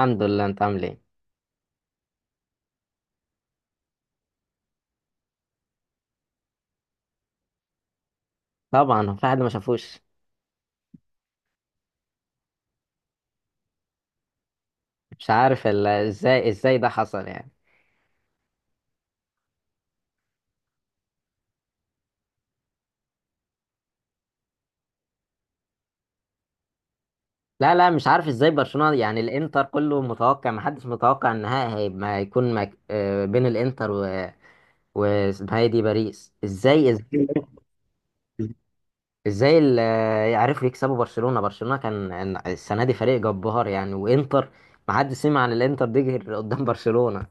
الحمد لله، انت عامل ايه؟ طبعا، هو في حد ما شافوش؟ مش عارف ازاي ده حصل يعني. لا، لا، مش عارف ازاي برشلونة. يعني الانتر كله متوقع، ما حدش متوقع النهائي ما يكون بين الانتر و واسمها ايه دي، باريس، ازاي. ازاي يعرفوا يكسبوا برشلونة. برشلونة كان السنة دي فريق جبار يعني، وانتر ما حدش سمع عن الانتر دي غير قدام برشلونة.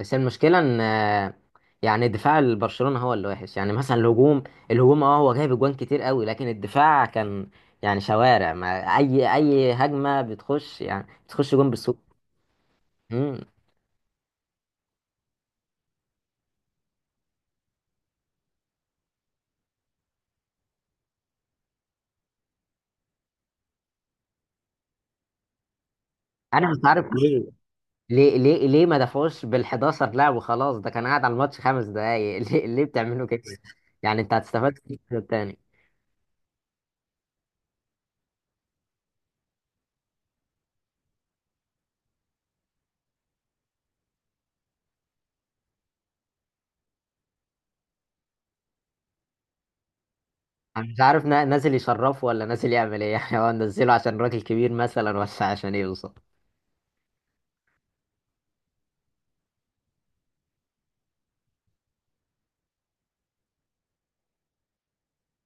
بس المشكلة ان يعني دفاع برشلونة هو اللي وحش. يعني مثلا الهجوم، الهجوم هو جايب اجوان كتير قوي، لكن الدفاع كان يعني شوارع، ما اي هجمة بتخش، يعني بتخش جون بالسوق. مم. انا مش عارف ليه، ما دفعوش بال11 لاعب وخلاص؟ ده كان قاعد على الماتش 5 دقايق ليه بتعملوا كده؟ يعني انت هتستفاد إيه من التاني؟ انا مش عارف، نازل يشرفه ولا نازل يعمل ايه؟ يعني هو نزله عشان راجل كبير مثلا ولا عشان ايه بالظبط؟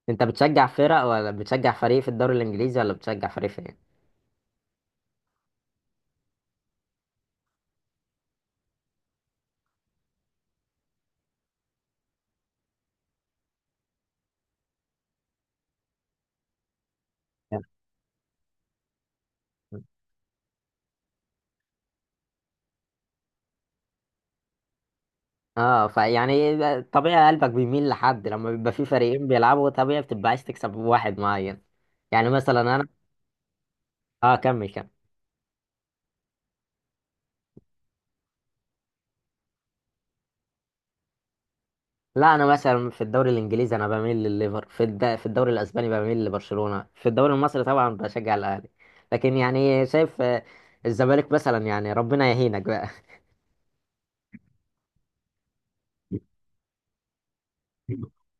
انت بتشجع فرق ولا بتشجع فريق في الدوري الانجليزي ولا بتشجع فريق فين؟ اه، فيعني طبيعي قلبك بيميل لحد. لما بيبقى في فريقين بيلعبوا، طبيعي بتبقى عايز تكسب واحد معين. يعني مثلا انا، اه، كمل كمل. لا، انا مثلا في الدوري الانجليزي انا بميل لليفر، في الدوري الاسباني بميل لبرشلونة، في الدوري المصري طبعا بشجع الاهلي. لكن يعني شايف، الزمالك مثلا، يعني ربنا يهينك بقى.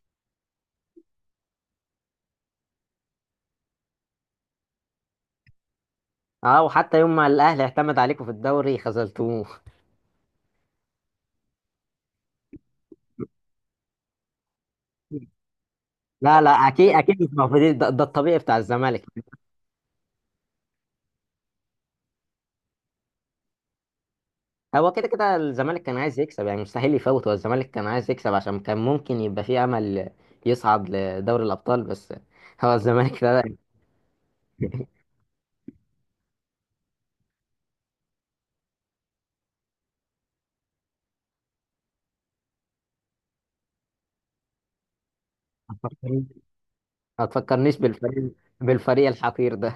اه، وحتى يوم ما الاهلي اعتمد عليكم في الدوري خذلتوه. لا، لا، اكيد، اكيد، مش موجودين. ده الطبيعي بتاع الزمالك. هو كده كده الزمالك كان عايز يكسب. يعني مستحيل يفوت. هو الزمالك كان عايز يكسب عشان كان ممكن يبقى فيه امل يصعد لدوري الابطال بس. هو الزمالك ده. ما تفكرنيش بالفريق الحقير ده.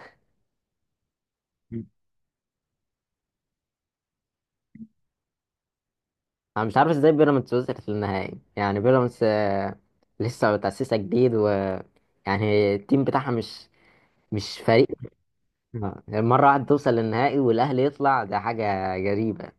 انا مش عارف ازاي بيراميدز وصلت للنهائي. يعني بيراميدز، لسه متأسسة جديد، و يعني التيم بتاعها مش فريق. مرة واحدة توصل للنهائي والاهلي يطلع، ده حاجة غريبة.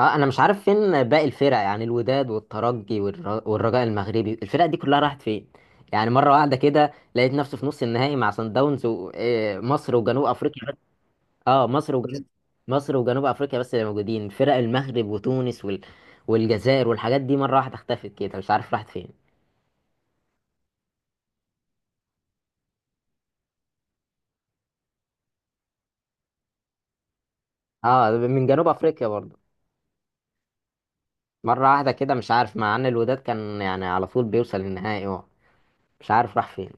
اه، انا مش عارف فين باقي الفرق. يعني الوداد والترجي والرجاء المغربي، الفرق دي كلها راحت فين؟ يعني مره واحده كده لقيت نفسي في نص النهائي مع صن داونز ومصر وجنوب افريقيا بس. اه، مصر وجنوب، مصر وجنوب افريقيا بس اللي موجودين. فرق المغرب وتونس والجزائر والحاجات دي مره واحده اختفت كده، مش عارف راحت فين. اه، من جنوب افريقيا برضه. مره واحده كده مش عارف، مع ان الوداد كان يعني على طول بيوصل للنهائي، اه، مش عارف راح فين.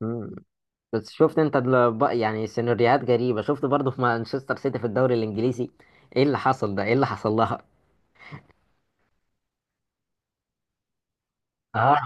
مم. بس شفت انت، يعني سيناريوهات غريبة. شفت برضه في مانشستر سيتي في الدوري الانجليزي؟ ايه اللي حصل ده؟ ايه اللي حصل لها؟ اه،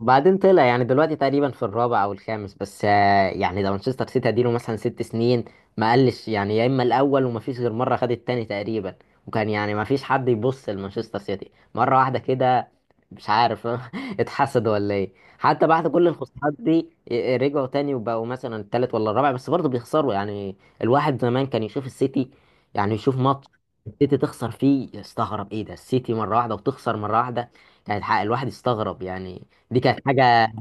وبعدين طلع، يعني دلوقتي تقريبا في الرابع او الخامس بس. يعني ده مانشستر سيتي اديله مثلا 6 سنين ما قلش يعني، يا اما الاول وما فيش غير مره خد التاني تقريبا. وكان يعني ما فيش حد يبص لمانشستر سيتي. مره واحده كده مش عارف اتحسد ولا ايه؟ حتى بعد كل الخسارات دي رجعوا تاني وبقوا مثلا التالت ولا الرابع، بس برضه بيخسروا يعني. الواحد زمان كان يشوف السيتي، يعني يشوف ماتش السيتي تخسر فيه، يستغرب ايه ده السيتي مره واحده وتخسر مره واحده. كانت حق الواحد يستغرب يعني. دي كانت حاجة.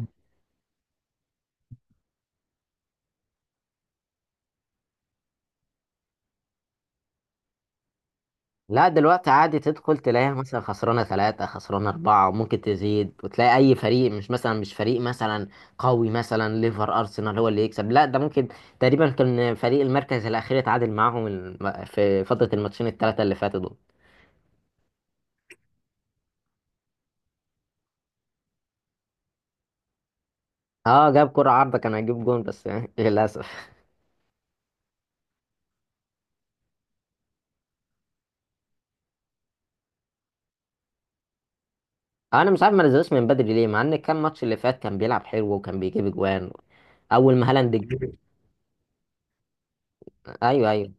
لا، دلوقتي عادي تدخل تلاقيها مثلا خسرانة 3، خسرانة 4، وممكن تزيد. وتلاقي أي فريق، مش مثلا مش فريق مثلا قوي، مثلا ليفر، أرسنال هو اللي يكسب، لا، ده ممكن تقريبا كان فريق المركز الأخير اتعادل معاهم، في فترة الماتشين الثلاثة اللي فاتوا دول. اه، جاب كرة عارضة، كان هيجيب جون بس للأسف. أنا مش عارف ما نزلوش من بدري ليه، مع إن كان الماتش اللي فات كان بيلعب حلو وكان بيجيب أجوان. أول ما هالاند أيوه، أيوه.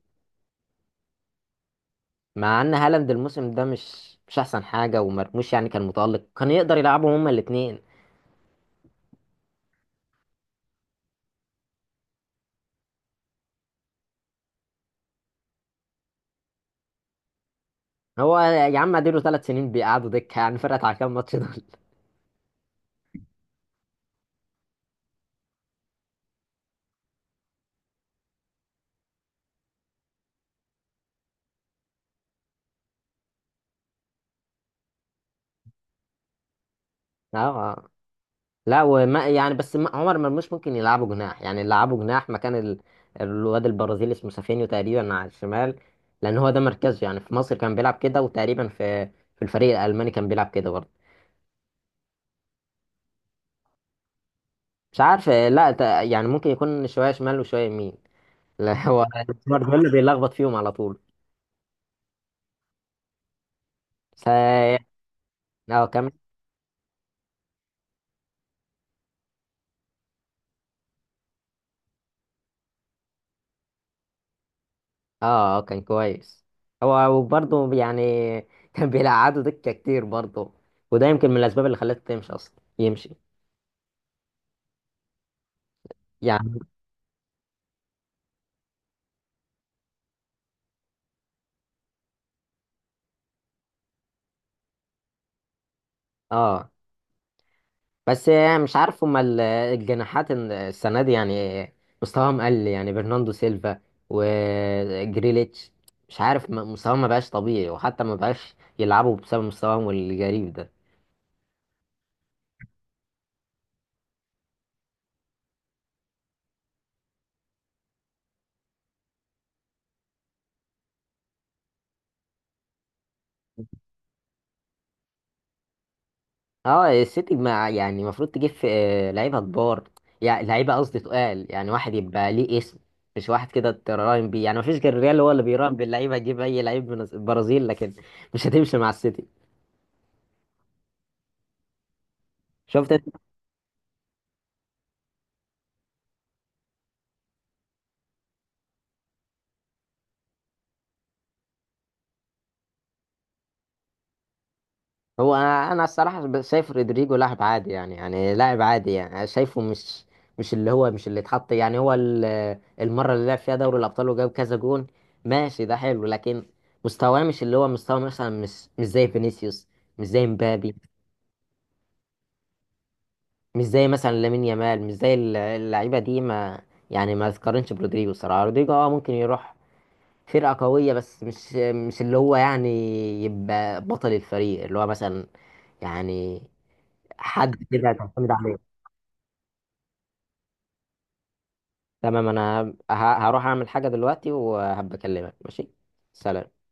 مع ان هالاند الموسم ده مش احسن حاجه، ومرموش يعني كان متالق، كان يقدر يلعبهم هما الاثنين. هو يا عم اديله 3 سنين بيقعدوا دكه. يعني فرقت على كام ماتش دول اه، لا وما يعني بس، عمر مرموش ممكن يلعبه جناح، يعني يلعبه جناح مكان الواد البرازيلي اسمه سافينيو تقريبا على الشمال. لان هو ده مركزه. يعني في مصر كان بيلعب كده، وتقريبا في في الفريق الالماني كان بيلعب كده برضه. مش عارف، لا، يعني ممكن يكون شويه شمال وشويه يمين. لا، هو الاسمر ده اللي بيلخبط فيهم على طول. ف اه، كان، اه، اه، كان كويس. هو وبرضه يعني كان بيلعبوا دكة كتير برضه. وده يمكن من الأسباب اللي خلته تمشي أصلا، يمشي. يعني اه، بس يعني مش عارف هما الجناحات السنة دي يعني مستواهم قل يعني. برناندو سيلفا وجريليتش، مش عارف، مستواهم ما بقاش طبيعي، وحتى ما بقاش يلعبوا بسبب مستواهم الغريب ده. اه، السيتي مع يعني المفروض تجيب في لعيبه كبار. يعني لعيبه قصدي تقال، يعني واحد يبقى ليه اسم، مش واحد كده تراهن بيه. يعني مفيش غير الريال هو اللي بيراهن باللعيبه، يجيب اي لعيب من البرازيل، لكن مش هتمشي مع السيتي. شفت انت؟ هو، انا الصراحه شايف رودريجو لاعب عادي، يعني لاعب عادي، يعني شايفه مش اللي هو، مش اللي اتحط يعني، هو المره اللي لعب فيها دوري الابطال وجاب كذا جون، ماشي، ده حلو، لكن مستواه مش اللي هو مستوى مثلا، مش زي فينيسيوس، مش زي مبابي، مش زي مثلا لامين يامال، مش زي اللعيبه دي، ما يعني، ما تقارنش برودريجو. الصراحه رودريجو اه ممكن يروح فرقه قويه، بس مش اللي هو يعني يبقى بطل الفريق اللي هو مثلا، يعني، حد كده تعتمد عليه. تمام، انا هروح اعمل حاجه دلوقتي وهبقى اكلمك، ماشي. سلام.